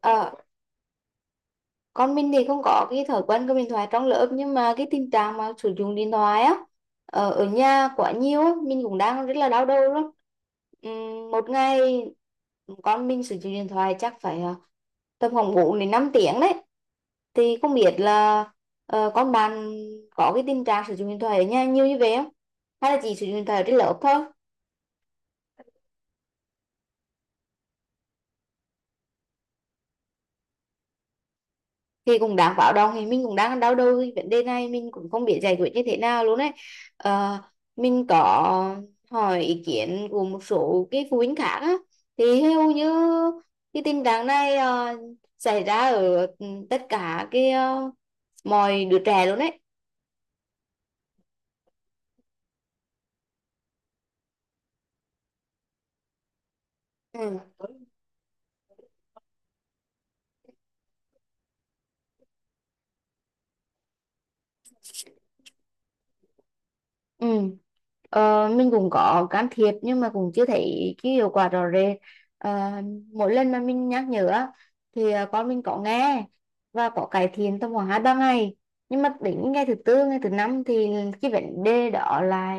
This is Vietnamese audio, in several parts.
Ờ, con mình thì không có cái thói quen cầm điện thoại trong lớp, nhưng mà cái tình trạng mà sử dụng điện thoại á ở nhà quá nhiều á, mình cũng đang rất là đau đầu luôn. Một ngày con mình sử dụng điện thoại chắc phải tầm khoảng 4 đến 5 tiếng đấy, thì không biết là con bạn có cái tình trạng sử dụng điện thoại ở nhà nhiều như vậy không, hay là chỉ sử dụng điện thoại ở trên lớp thôi? Thì cũng đáng báo động, thì mình cũng đang đau đầu cái vấn đề này, mình cũng không biết giải quyết như thế nào luôn đấy. Ờ, mình có hỏi ý kiến của một số cái phụ huynh khác á, thì hầu như cái tình trạng này xảy ra ở tất cả cái mọi đứa trẻ luôn đấy. Ừ. Ừ. Mình cũng có can thiệp nhưng mà cũng chưa thấy cái hiệu quả rõ rệt. Ờ, Mỗi lần mà mình nhắc nhở á, thì con mình có nghe và có cải thiện tầm khoảng hai ba ngày, nhưng mà đến ngày thứ tư ngày thứ năm thì cái vấn đề đó là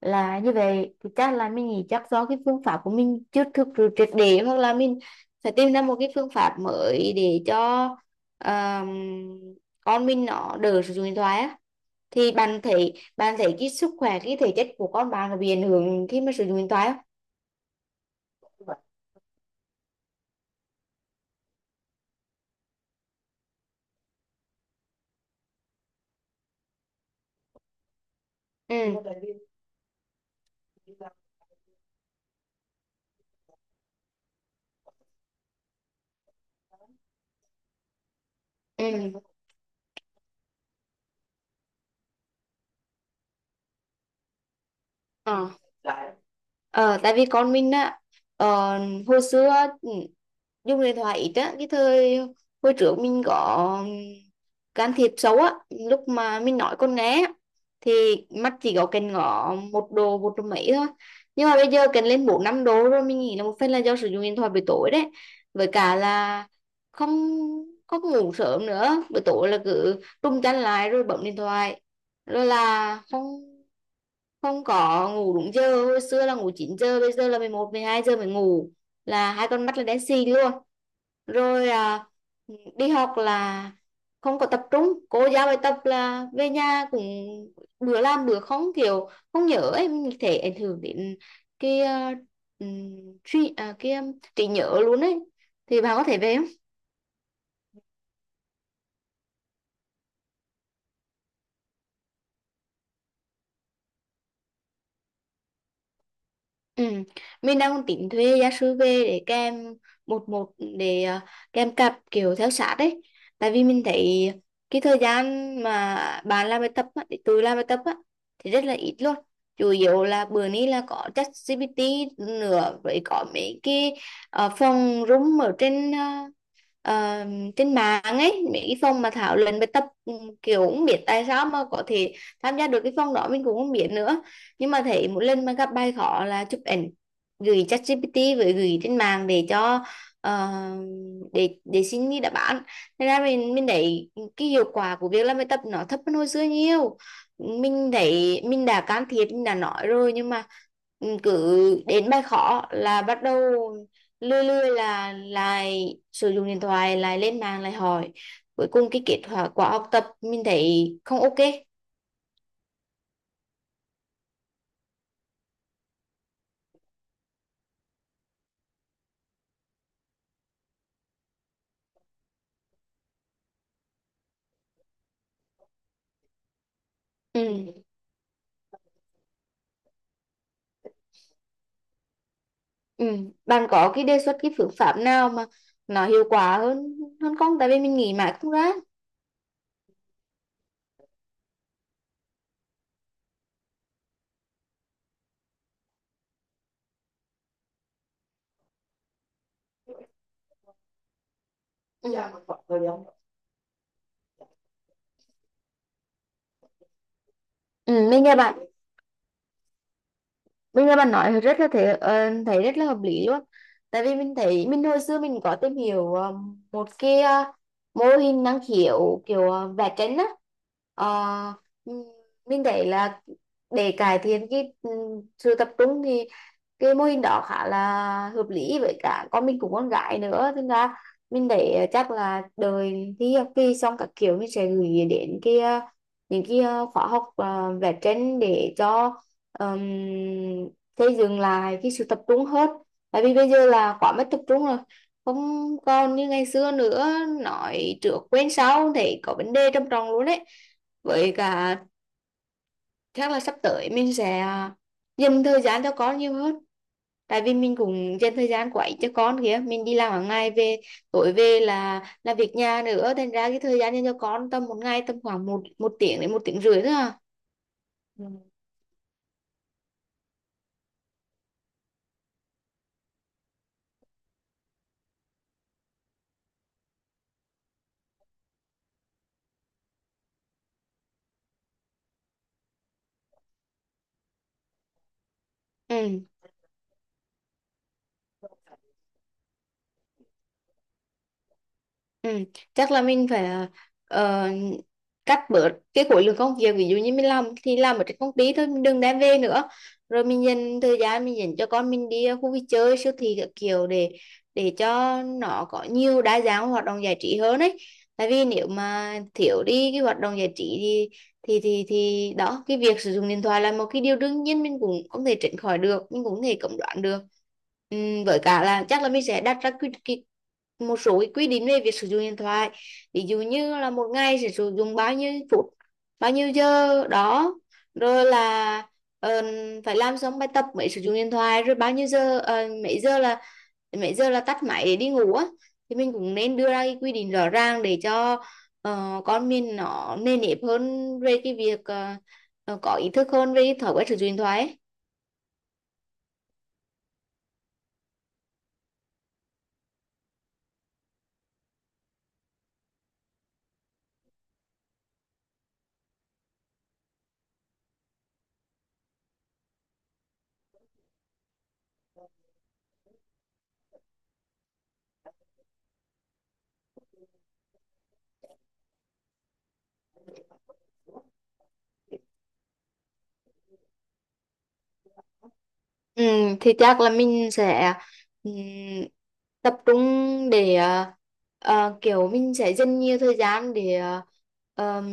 là như vậy. Thì chắc là mình nghĩ chắc do cái phương pháp của mình chưa thực sự triệt để, hoặc là mình phải tìm ra một cái phương pháp mới để cho ờm, con mình nó đỡ sử dụng điện thoại á. Thì bạn thấy cái sức khỏe, cái thể chất của con bạn có bị ảnh hưởng khi mà sử dụng điện thoại không? Ừ. Ừ. Ờ. Ờ, Tại vì con mình á ờ, hồi xưa ừ, dùng điện thoại ít á, cái thời hồi trước mình có can thiệp xấu á, lúc mà mình nói con nghe á, thì mắt chỉ có cần ngó một độ mấy thôi, nhưng mà bây giờ cần lên 4 5 độ rồi. Mình nghĩ là một phần là do sử dụng điện thoại buổi tối đấy, với cả là không không ngủ sớm nữa. Buổi tối là cứ trung chăn lại rồi bấm điện thoại, rồi là không không có ngủ đúng giờ. Hồi xưa là ngủ 9 giờ, bây giờ là 11 12 giờ mới ngủ, là hai con mắt là đen xì luôn. Rồi đi học là không có tập trung, cô giao bài tập là về nhà cũng bữa làm bữa không, kiểu không nhớ ấy, mình thể ảnh hưởng đến cái uh, trí nhớ luôn ấy. Thì bà có thể về. Ừ. Mình đang tính thuê gia sư về để kèm một một, để kèm cặp kiểu theo sát đấy, tại vì mình thấy cái thời gian mà bạn làm bài tập á, để tôi làm bài tập á, thì rất là ít luôn. Chủ yếu là bữa nay là có ChatGPT nữa, với có mấy cái phòng room ở trên ờ, trên mạng ấy, mấy cái phòng mà thảo luận bài tập, kiểu không biết tại sao mà có thể tham gia được cái phòng đó, mình cũng không biết nữa. Nhưng mà thấy mỗi lần mà gặp bài khó là chụp ảnh gửi ChatGPT với gửi trên mạng để cho ờ, để xin đi đáp án. Thế ra mình thấy cái hiệu quả của việc làm bài tập nó thấp hơn hồi xưa nhiều. Mình thấy mình đã can thiệp mình đã nói rồi, nhưng mà cứ đến bài khó là bắt đầu lươi lươi, là lại sử dụng điện thoại, lại lên mạng lại hỏi. Cuối cùng cái kết quả quả học tập mình thấy không ok. Ừ. Ừ. Bạn có cái đề xuất cái phương pháp nào mà nó hiệu quả hơn hơn không, tại vì mình nghĩ mãi không ra. Ừ, ừ. mình nghe bạn Bây nghe bạn nói rất là thế, thấy rất là hợp lý luôn. Tại vì mình thấy mình hồi xưa mình có tìm hiểu một cái mô hình năng khiếu kiểu vẽ tranh á. Ờ, ừm, mình thấy là để cải thiện cái sự tập trung thì cái mô hình đó khá là hợp lý, với cả con mình cũng con gái nữa. Thế ra mình để chắc là đời thi học kỳ xong các kiểu mình sẽ gửi đến cái những cái khóa học vẽ tranh để cho um, thế dừng lại cái sự tập trung hết. Tại vì bây giờ là quá mất tập trung rồi, không còn như ngày xưa nữa, nói trước quên sau thì có vấn đề trầm trọng luôn đấy. Với cả chắc là sắp tới mình sẽ dành thời gian cho con nhiều hơn, tại vì mình cũng dành thời gian của ít cho con kìa. Mình đi làm hàng ngày về, tối về là việc nhà nữa, thành ra cái thời gian dành cho con tầm một ngày tầm khoảng một một tiếng đến một tiếng rưỡi thôi à. Ừ. Ừ, chắc là mình phải ờ, cắt bớt cái khối lượng công việc. Ví dụ như mình làm thì làm ở trên công ty thôi, mình đừng đem về nữa, rồi mình dành thời gian mình dành cho con, mình đi khu vui chơi siêu thị các kiểu để cho nó có nhiều đa dạng hoạt động giải trí hơn ấy. Tại vì nếu mà thiếu đi cái hoạt động giải trí thì đó, cái việc sử dụng điện thoại là một cái điều đương nhiên, mình cũng không thể tránh khỏi được, mình cũng không thể cấm đoán được. Với cả là chắc là mình sẽ đặt ra một số cái quy định về việc sử dụng điện thoại. Ví dụ như là một ngày sẽ sử dụng bao nhiêu phút bao nhiêu giờ đó, rồi là ờ, phải làm xong bài tập mới sử dụng điện thoại, rồi bao nhiêu giờ mấy giờ là tắt máy để đi ngủ á. Thì mình cũng nên đưa ra cái quy định rõ ràng để cho con mình nó nề nếp hơn về cái việc có ý thức hơn về cái thói quen sử dụng điện thoại ấy. Ừ, thì chắc là mình sẽ ừ, tập trung để kiểu mình sẽ dành nhiều thời gian để ờm,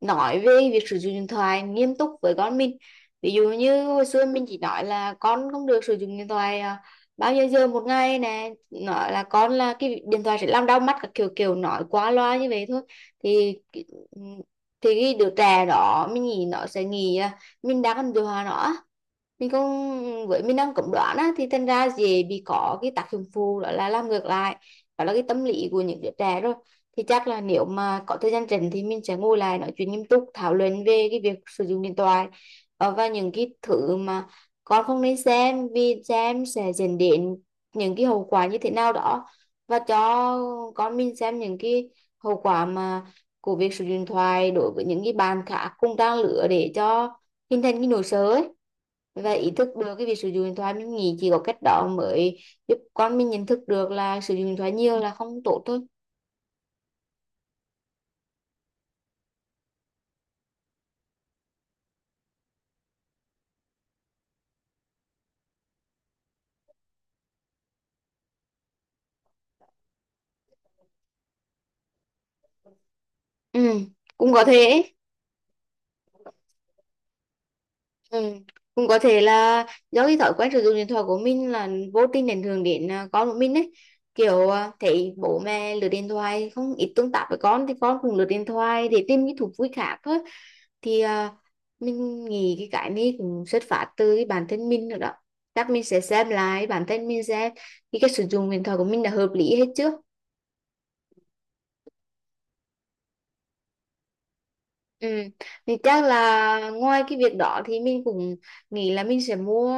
nói về việc sử dụng điện thoại nghiêm túc với con mình. Ví dụ như hồi xưa mình chỉ nói là con không được sử dụng điện thoại bao nhiêu giờ một ngày nè, nói là con là cái điện thoại sẽ làm đau mắt các kiểu, kiểu nói quá loa như vậy thôi. Thì cái- ừm, thì cái đứa trẻ đó mình nghĩ nó sẽ nghĩ là mình đang còn điều hòa nó á, mình cũng với mình đang cấm đoán á, thì thành ra dễ bị có cái tác dụng phụ, đó là làm ngược lại, đó là cái tâm lý của những đứa trẻ rồi. Thì chắc là nếu mà có thời gian rảnh thì mình sẽ ngồi lại nói chuyện nghiêm túc thảo luận về cái việc sử dụng điện thoại, và những cái thứ mà con không nên xem, vì xem sẽ dẫn đến những cái hậu quả như thế nào đó, và cho con mình xem những cái hậu quả mà của việc sử dụng điện thoại đối với những cái bạn khác cùng trang lứa, để cho hình thành cái nỗi sợ ấy và ý thức được cái việc sử dụng điện thoại. Mình nghĩ chỉ có cách đó mới giúp con mình nhận thức được là sử dụng điện thoại nhiều là không tốt thôi. Ừ, cũng có thể ấy. Ừ, cũng có thể là do cái thói quen sử dụng điện thoại của mình là vô tình ảnh hưởng đến con của mình ấy, kiểu thấy bố mẹ lướt điện thoại không ít tương tác với con thì con cũng lướt điện thoại để tìm những thú vui khác thôi. Thì mình nghĩ cái này cũng xuất phát từ cái bản thân mình nữa đó. Chắc mình sẽ xem lại bản thân mình xem thì cái sử dụng điện thoại của mình là hợp lý hết chưa. Ừ. Thì chắc là ngoài cái việc đó thì mình cũng nghĩ là mình sẽ mua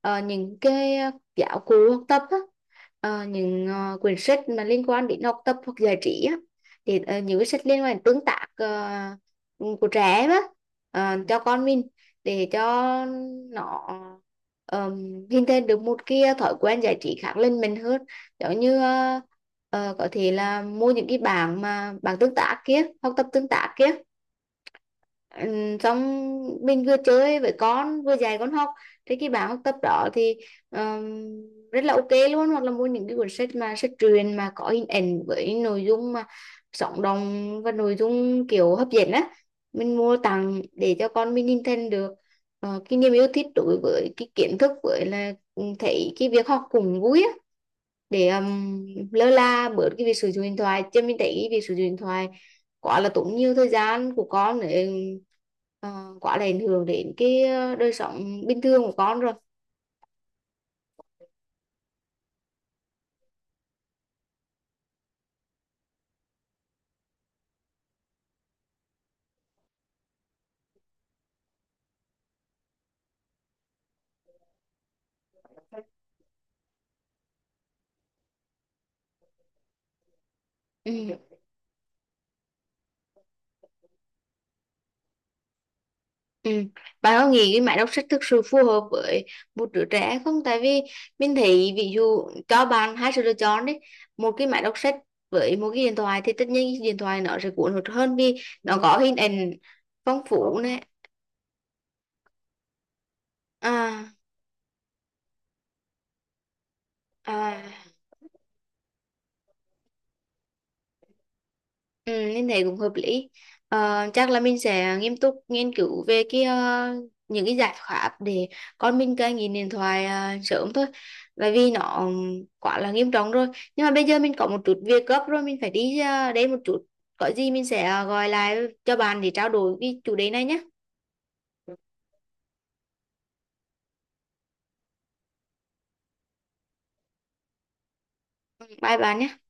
những cái giáo cụ học tập á, những quyển sách mà liên quan đến học tập hoặc giải trí á, thì những cái sách liên quan đến tương tác của trẻ em á, cho con mình, để cho nó ờm, hình thành được một cái thói quen giải trí khác lên mình hơn. Giống như có thể là mua những cái bảng mà bảng tương tác kia, học tập tương tác kia. Ừ, xong mình vừa chơi với con vừa dạy con học, thì cái bảng học tập đó thì rất là ok luôn. Hoặc là mua những cái cuốn sách mà sách truyện mà có hình ảnh với nội dung mà sống động và nội dung kiểu hấp dẫn á, mình mua tặng để cho con mình hình thành được cái niềm yêu thích đối với cái kiến thức, với là thấy cái việc học cũng vui á, để lơ là bớt cái việc sử dụng điện thoại. Chứ mình thấy việc sử dụng điện thoại quá là tốn nhiều thời gian của con, để uh, quá là ảnh hưởng đến cái đời sống bình thường của con rồi. Ừ. Ừ. Bạn có nghĩ cái máy đọc sách thực sự phù hợp với một đứa trẻ không? Tại vì mình thấy ví dụ cho bạn hai sự lựa chọn đấy, một cái máy đọc sách với một cái điện thoại, thì tất nhiên cái điện thoại nó sẽ cuốn hút hơn vì nó có hình ảnh phong phú này. À. À. Ừ, em thấy cũng hợp lý. Chắc là mình sẽ nghiêm túc nghiên cứu về cái những cái giải pháp để con mình cai nghiện điện thoại sớm thôi. Bởi vì nó quá là nghiêm trọng rồi. Nhưng mà bây giờ mình có một chút việc gấp rồi, mình phải đi đây một chút. Có gì mình sẽ gọi lại cho bạn để trao đổi cái chủ đề này nhé. Bye bạn nhé.